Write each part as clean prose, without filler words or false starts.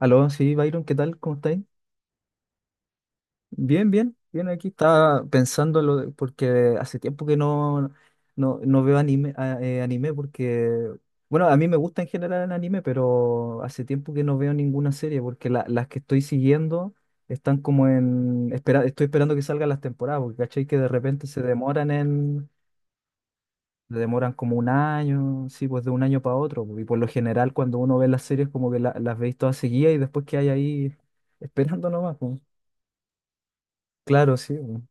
Aló, sí, Byron, ¿qué tal? ¿Cómo estáis? Bien, bien, bien, aquí estaba pensando en porque hace tiempo que no veo anime porque, bueno, a mí me gusta en general el anime, pero hace tiempo que no veo ninguna serie porque las que estoy siguiendo están como espera, estoy esperando que salgan las temporadas, porque cachai que de repente se demoran como un año, sí, pues de un año para otro, y por lo general cuando uno ve las series como que las veis todas seguidas y después que hay ahí esperando nomás, pues. Claro, sí. Bu.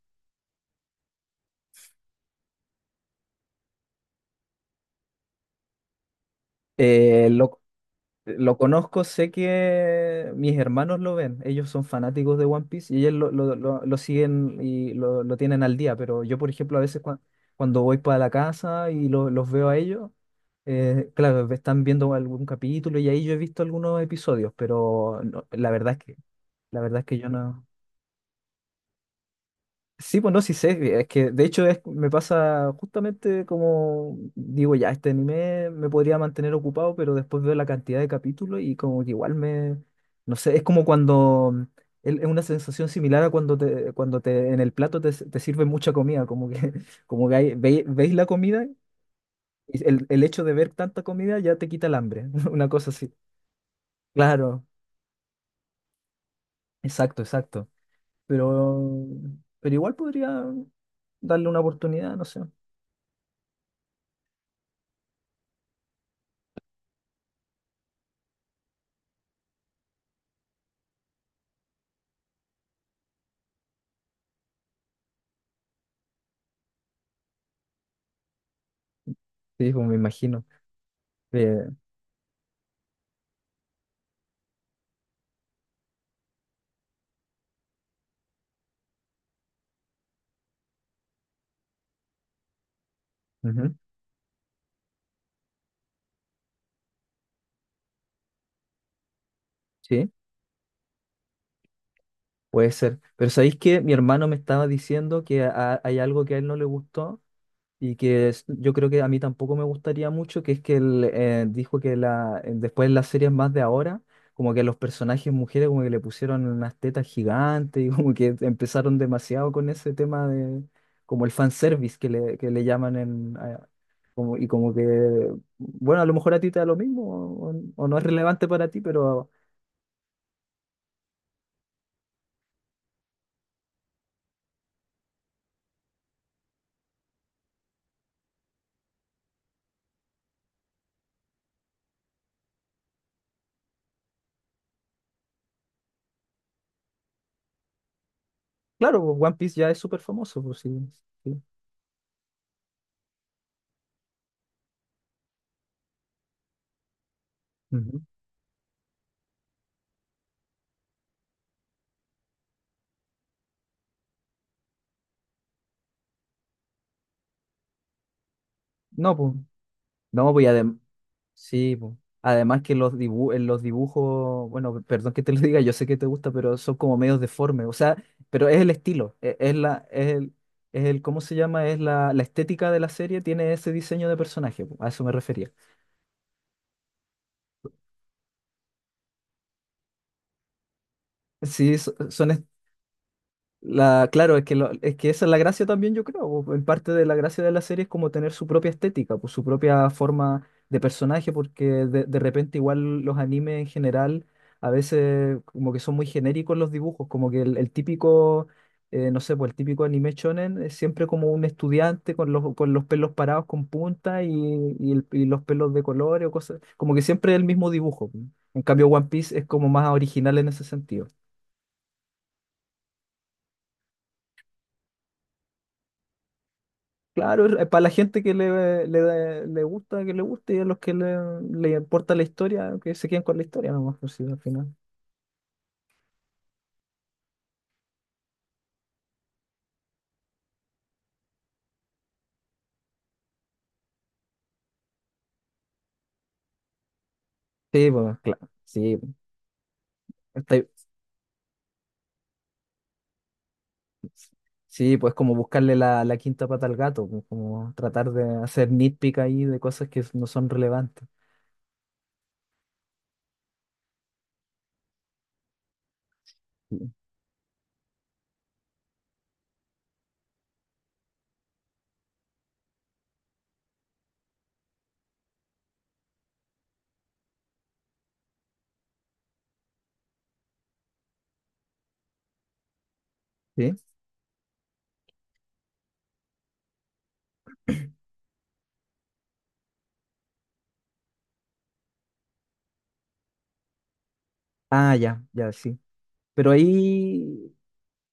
Eh, lo, lo conozco, sé que mis hermanos lo ven, ellos son fanáticos de One Piece y ellos lo siguen y lo tienen al día, pero yo, por ejemplo, a veces cuando voy para la casa y los veo a ellos, claro, están viendo algún capítulo y ahí yo he visto algunos episodios, pero no- la verdad es que, la verdad es que yo no. Sí, pues no, sí sé, es que de hecho es, me pasa justamente como digo, ya este anime me podría mantener ocupado, pero después veo la cantidad de capítulos y como que igual me, no sé, es como es una sensación similar a cuando te, en el plato te sirve mucha comida, como que, como que veis la comida y el hecho de ver tanta comida ya te quita el hambre, una cosa así. Claro, exacto, exacto, pero, pero igual podría darle una oportunidad, no sé. Sí, pues me imagino. Eh, Ujú, sí, puede ser. Pero ¿sabéis que mi hermano me estaba diciendo que hay algo que a él no le gustó y que yo creo que a mí tampoco me gustaría mucho, que es que él dijo que después en las series más de ahora, como que a los personajes mujeres como que le pusieron unas tetas gigantes y como que empezaron demasiado con ese tema de como el fanservice que le llaman en... como, y como que, bueno, a lo mejor a ti te da lo mismo o no es relevante para ti, pero. Claro, pues, One Piece ya es súper famoso, pues sí. Sí. Ujú. No, pues. No, pues y sí, pues. Además que en los dibujos, bueno, perdón que te lo diga, yo sé que te gusta, pero son como medios deformes. O sea, pero es el estilo, e- es, la, es el, ¿cómo se llama? Es la estética de la serie, tiene ese diseño de personaje, pues, a eso me refería. Sí, son claro, es que, es que esa es la gracia también, yo creo, po. En parte de la gracia de la serie es como tener su propia estética, pues, su propia forma de personaje, porque de repente igual los animes en general a veces como que son muy genéricos los dibujos, como que el típico, no sé, pues el típico anime shonen es siempre como un estudiante con los pelos parados con punta y los pelos de colores o cosas, como que siempre el mismo dibujo. En cambio, One Piece es como más original en ese sentido. Claro, para la gente que le gusta, que le guste, y a los que le importa la historia, que se queden con la historia nomás, pues sí, al final. Sí, pues claro, sí, está- sí, pues como buscarle la quinta pata al gato, pues, como tratar de hacer nitpick ahí de cosas que no son relevantes. Sí. ¿Sí? Ah, ya, ya, sí. Pero ahí,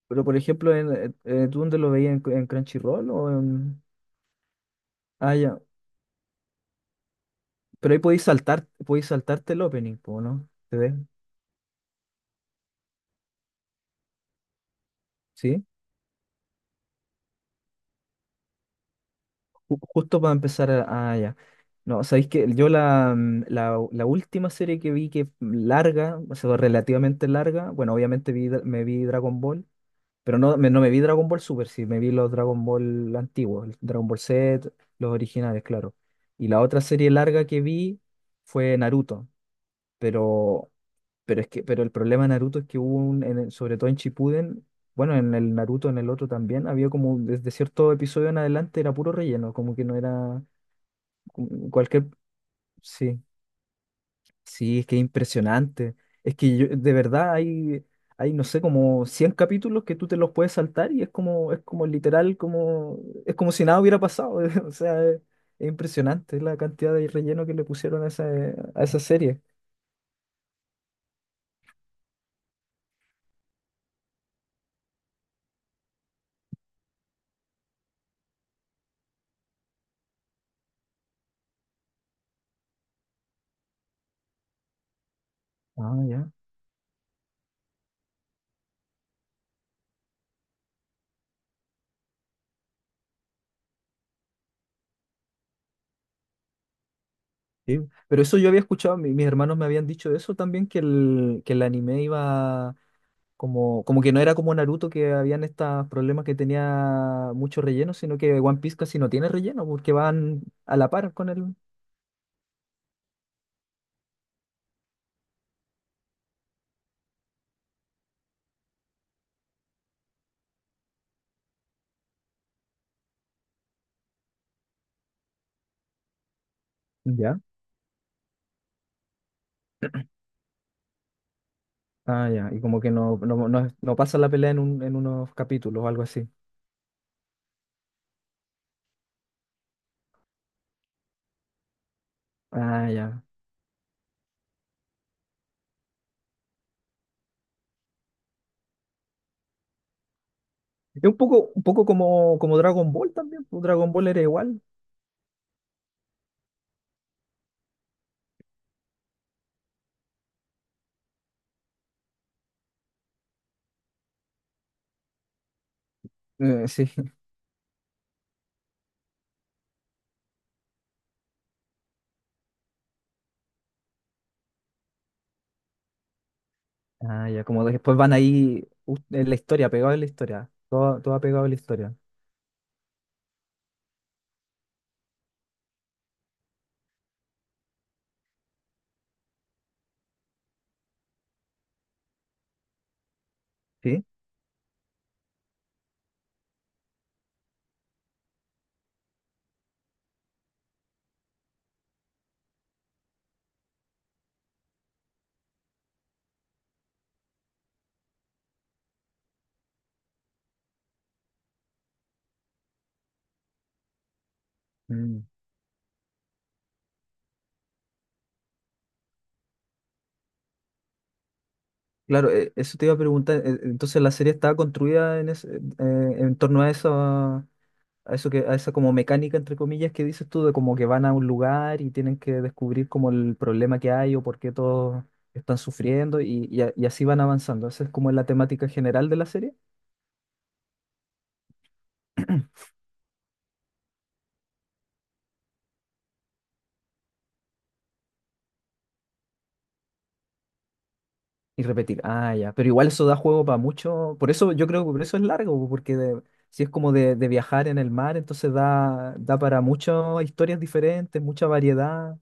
pero por ejemplo, ¿tú dónde lo veías en, Crunchyroll o en... Ah, ya, pero ahí podéis saltarte el opening, pues, ¿no? ¿Te ves? ¿Sí? Justo para empezar ah, ya. No, sabéis que yo la última serie que vi que larga, o sea, relativamente larga, bueno, obviamente me vi Dragon Ball, pero no me vi Dragon Ball Super, sí, me vi los Dragon Ball antiguos, el Dragon Ball Z, los originales, claro. Y la otra serie larga que vi fue Naruto, pero, pero el problema de Naruto es que hubo sobre todo en Shippuden, bueno, en el Naruto, en el otro también, había como desde cierto episodio en adelante era puro relleno, como que no era cu- Cualquier, sí, sí, es que es impresionante. Es que de verdad hay, no sé, como 100 capítulos que tú te los puedes saltar y es como literal, es como si nada hubiera pasado. O sea, es impresionante la cantidad de relleno que le pusieron a esa serie. Ah, ya. Sí. Pero eso yo había escuchado, mis hermanos me habían dicho eso también, que que el anime iba, como que no era como Naruto que habían estos problemas que tenía mucho relleno, sino que One Piece casi no tiene relleno porque van a la par con él. Ya. Ah, ya. Y como que no pasa la pelea en unos capítulos o algo así. Ah, ya. Es un poco como Dragon Ball también, pues, Dragon Ball era igual. Sí. Ah, ya. Como después van ahí en la historia, pegado en la historia. Todo, todo pegado en la historia. ¿Sí? Mm. Claro, eso te iba a preguntar. Entonces la serie estaba construida en torno a esa como mecánica entre comillas que dices tú, de como que van a un lugar y tienen que descubrir como el problema que hay o por qué todos están sufriendo y así van avanzando. Esa es como la temática general de la serie. Y repetir, ah, ya, pero igual eso da juego para mucho, por eso yo creo que por eso es largo, porque si es como de viajar en el mar, entonces da para muchas historias diferentes, mucha variedad.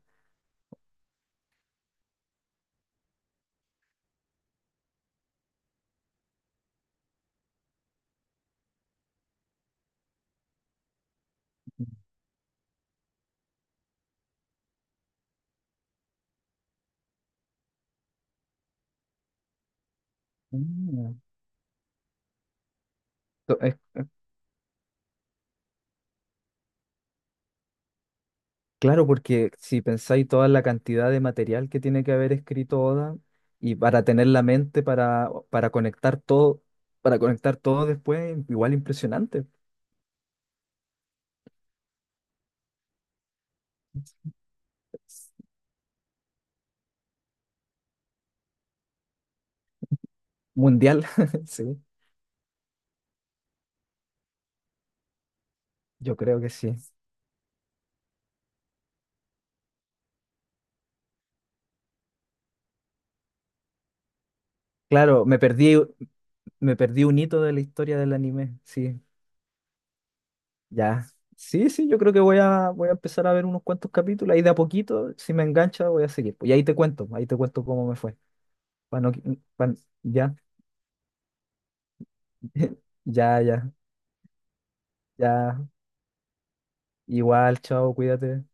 Mm. Es claro, porque si pensáis toda la cantidad de material que tiene que haber escrito Oda y para tener la mente para conectar todo, para conectar todo después, igual impresionante, pues. Mundial, sí, yo creo que sí. Claro, me perdí un hito de la historia del anime, sí, ya. Sí, sí, yo creo que voy a empezar a ver unos cuantos capítulos, ahí de a poquito, si me engancha voy a seguir, pues. Y ahí te cuento, cómo me fue. Pa' no- pa' Ya, ya, ya, ya. Igual, chao, cuídate.